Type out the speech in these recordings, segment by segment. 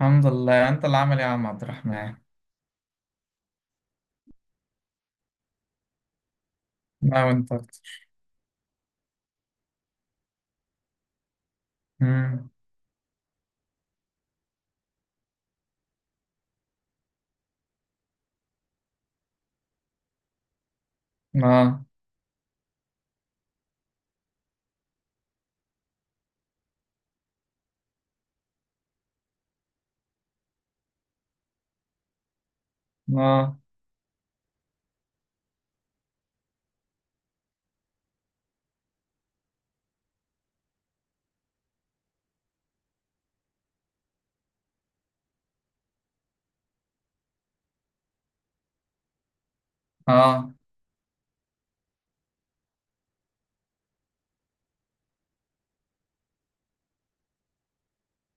الحمد لله. انت اللي عامل ايه يا عم عبد الرحمن؟ لا وانت اكتر. امم. اه. اه. اه.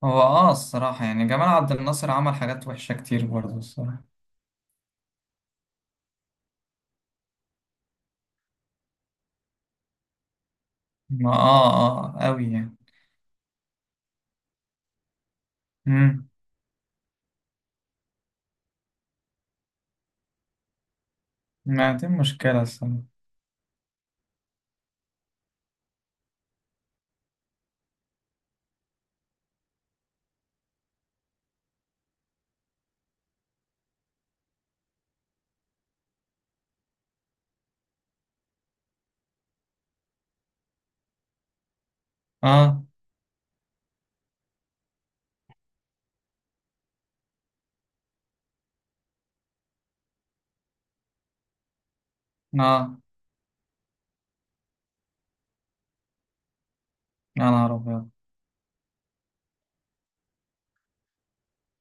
هو الصراحة يعني جمال عبد الناصر عمل حاجات وحشة كتير برضه الصراحة. ما اه. اه، قوي يعني. امم. ما دي مشكلة الصراحة. اه. اه. يا نهار ابيض.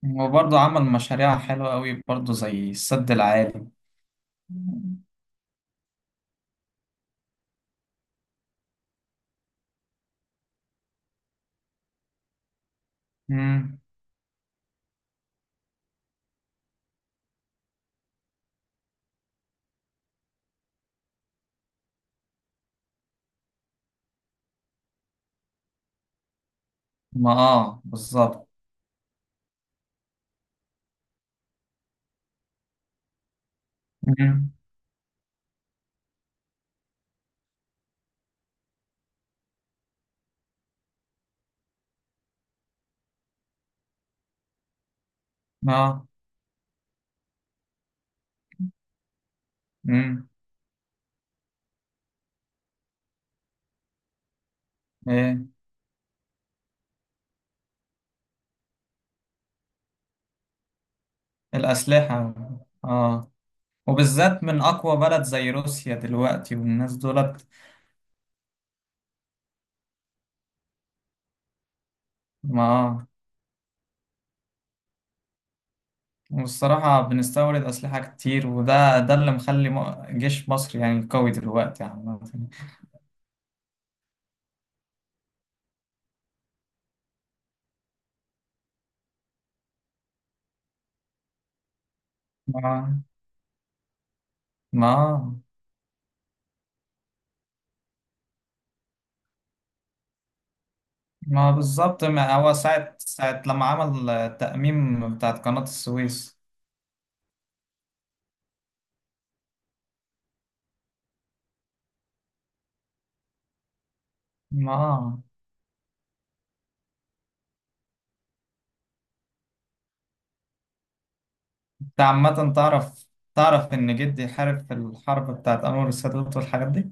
وبرضه عمل مشاريع حلوة قوي برضه زي السد العالي. امم. ما بالظبط. امم. اه. امم. ايه؟ الأسلحة. اه. وبالذات من أقوى بلد زي روسيا دلوقتي والناس دولت. ما آه. والصراحة بنستورد أسلحة كتير وده ده اللي مخلي جيش مصر يعني قوي دلوقتي عامة. ما ما ما بالظبط. ما هو ساعة لما عمل التأميم بتاعت قناة السويس. ما. أنت عامة تعرف إن جدي حارب في الحرب بتاعت أنور السادات والحاجات دي؟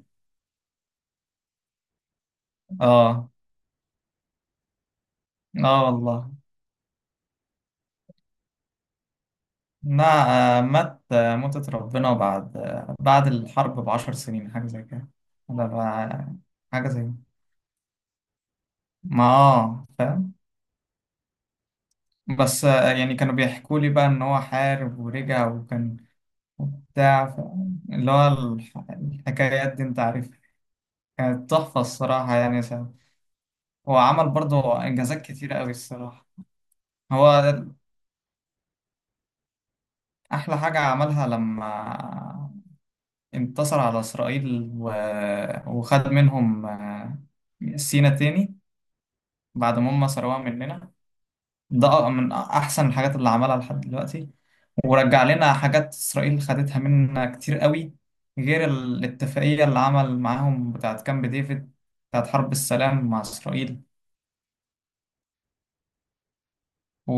آه. آه والله. مع آه، مات آه، ماتت ربنا بعد بعد الحرب بعشر سنين حاجة زي كده. ولا بع- حاجة زي. ما فاهم. بس يعني كانوا بيحكوا لي بقى ان هو حارب ورجع وكان. بتاع ف- اللي هو الحكايات دي انت عارفها. كانت تحفة الصراحة يعني ساعة. هو عمل برضه انجازات كتيرة قوي الصراحة. هو احلى حاجة عملها لما انتصر على اسرائيل و... وخد منهم سينا تاني بعد ما هم سرقوها مننا. ده من احسن الحاجات اللي عملها لحد دلوقتي. ورجع لنا حاجات اسرائيل خدتها منا كتير قوي غير الاتفاقية اللي عمل معاهم بتاعت كامب ديفيد بتاعت حرب السلام مع اسرائيل. و...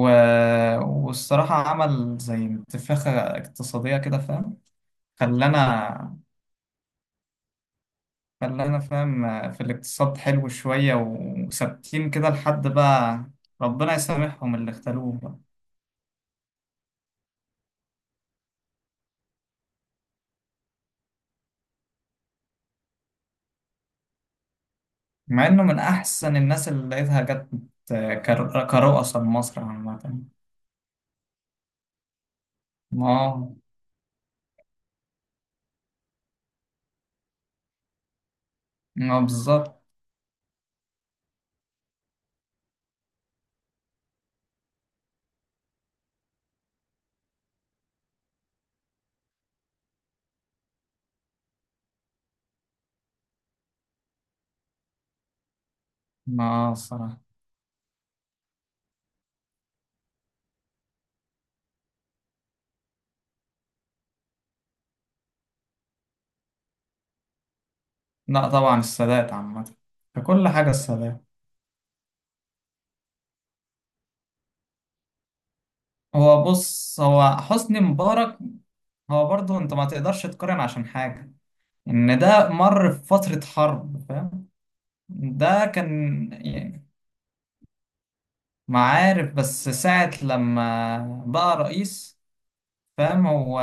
والصراحة عمل زي انتفاخة اقتصادية كده فاهم. خلانا. فاهم في الاقتصاد حلو شوية وثابتين كده لحد بقى. ربنا يسامحهم اللي اختلوه. مع انه من احسن الناس اللي لقيتها جت كرؤساء لمصر عامة. ما. ما بالظبط. ما الصراحة. لا طبعا السادات عامة. ككل حاجة السادات. هو بص، هو حسني مبارك، هو برضه انت ما تقدرش تقارن عشان حاجة ان ده مر في فترة حرب فاهم. ده كان يعني معارف بس ساعة لما بقى رئيس فاهم. هو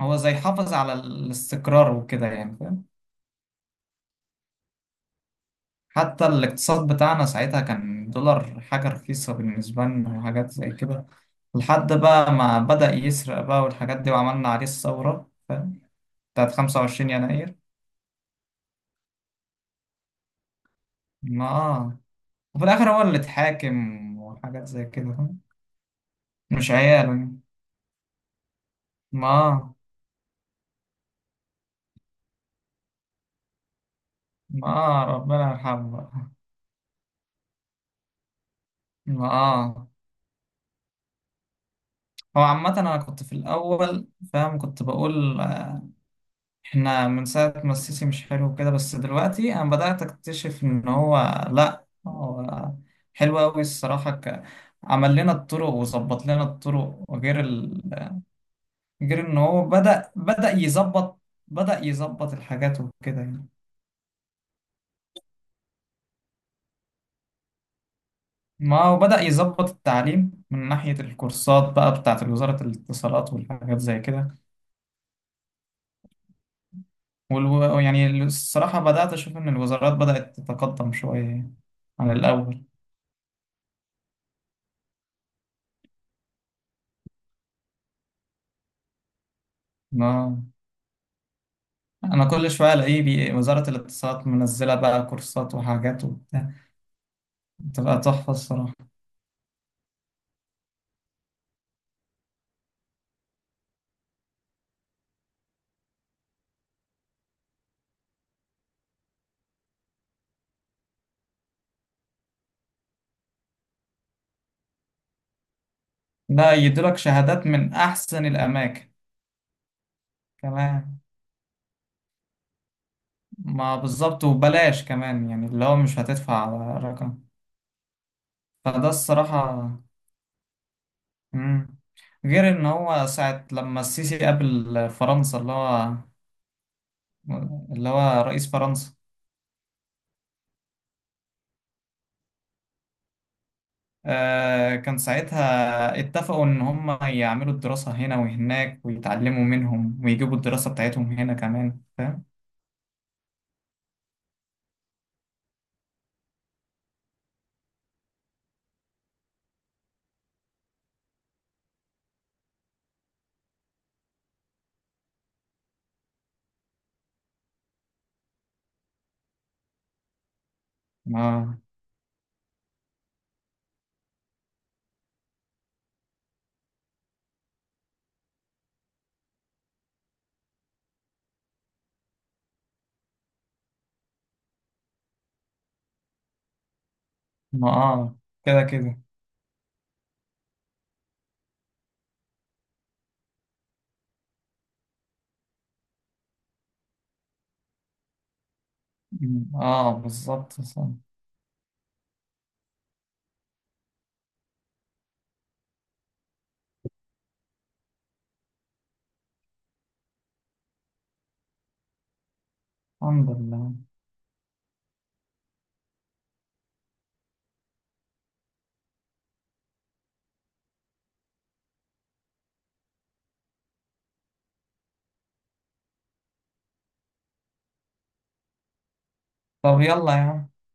هو زي حافظ على الاستقرار وكده يعني. حتى الاقتصاد بتاعنا ساعتها كان دولار حاجة رخيصة بالنسبة لنا وحاجات زي كده لحد بقى ما بدأ يسرق بقى والحاجات دي وعملنا عليه الثورة فاهم. بتاعت 25 يناير. ما آه. وفي الآخر هو اللي اتحاكم وحاجات زي كده فاهم. مش عياله يعني. ما آه. ما آه ربنا يرحمه بقى. ما آه. هو عامة أنا كنت في الأول فاهم. كنت بقول احنا من ساعة ما السيسي مش حلو كده، بس دلوقتي انا بدأت اكتشف ان هو لا، هو حلو قوي الصراحة. عمل لنا الطرق وظبط لنا الطرق وغير ال... غير ان هو بدأ يظبط الحاجات وكده يعني. ما هو بدأ يظبط التعليم من ناحية الكورسات بقى بتاعة وزارة الاتصالات والحاجات زي كده. يعني الصراحة بدأت أشوف إن الوزارات بدأت تتقدم شوية يعني عن الأول. آه. انا كل شويه الاقيه وزاره الاتصالات منزله بقى كورسات وحاجات وبتاع. بتبقى تحفه الصراحه. ده يديلك شهادات من احسن الاماكن كمان. ما بالظبط وبلاش كمان يعني اللي هو مش هتدفع. رقم. فده الصراحه. مم. غير ان هو ساعه لما السيسي قابل فرنسا اللي هو رئيس فرنسا. كان ساعتها اتفقوا إن هم يعملوا الدراسة هنا وهناك ويتعلموا منهم ويجيبوا الدراسة بتاعتهم هنا كمان فاهم؟ ما. ما آه. كده كده. م، آه بالظبط صح. الحمد لله. طب يلا يا عم.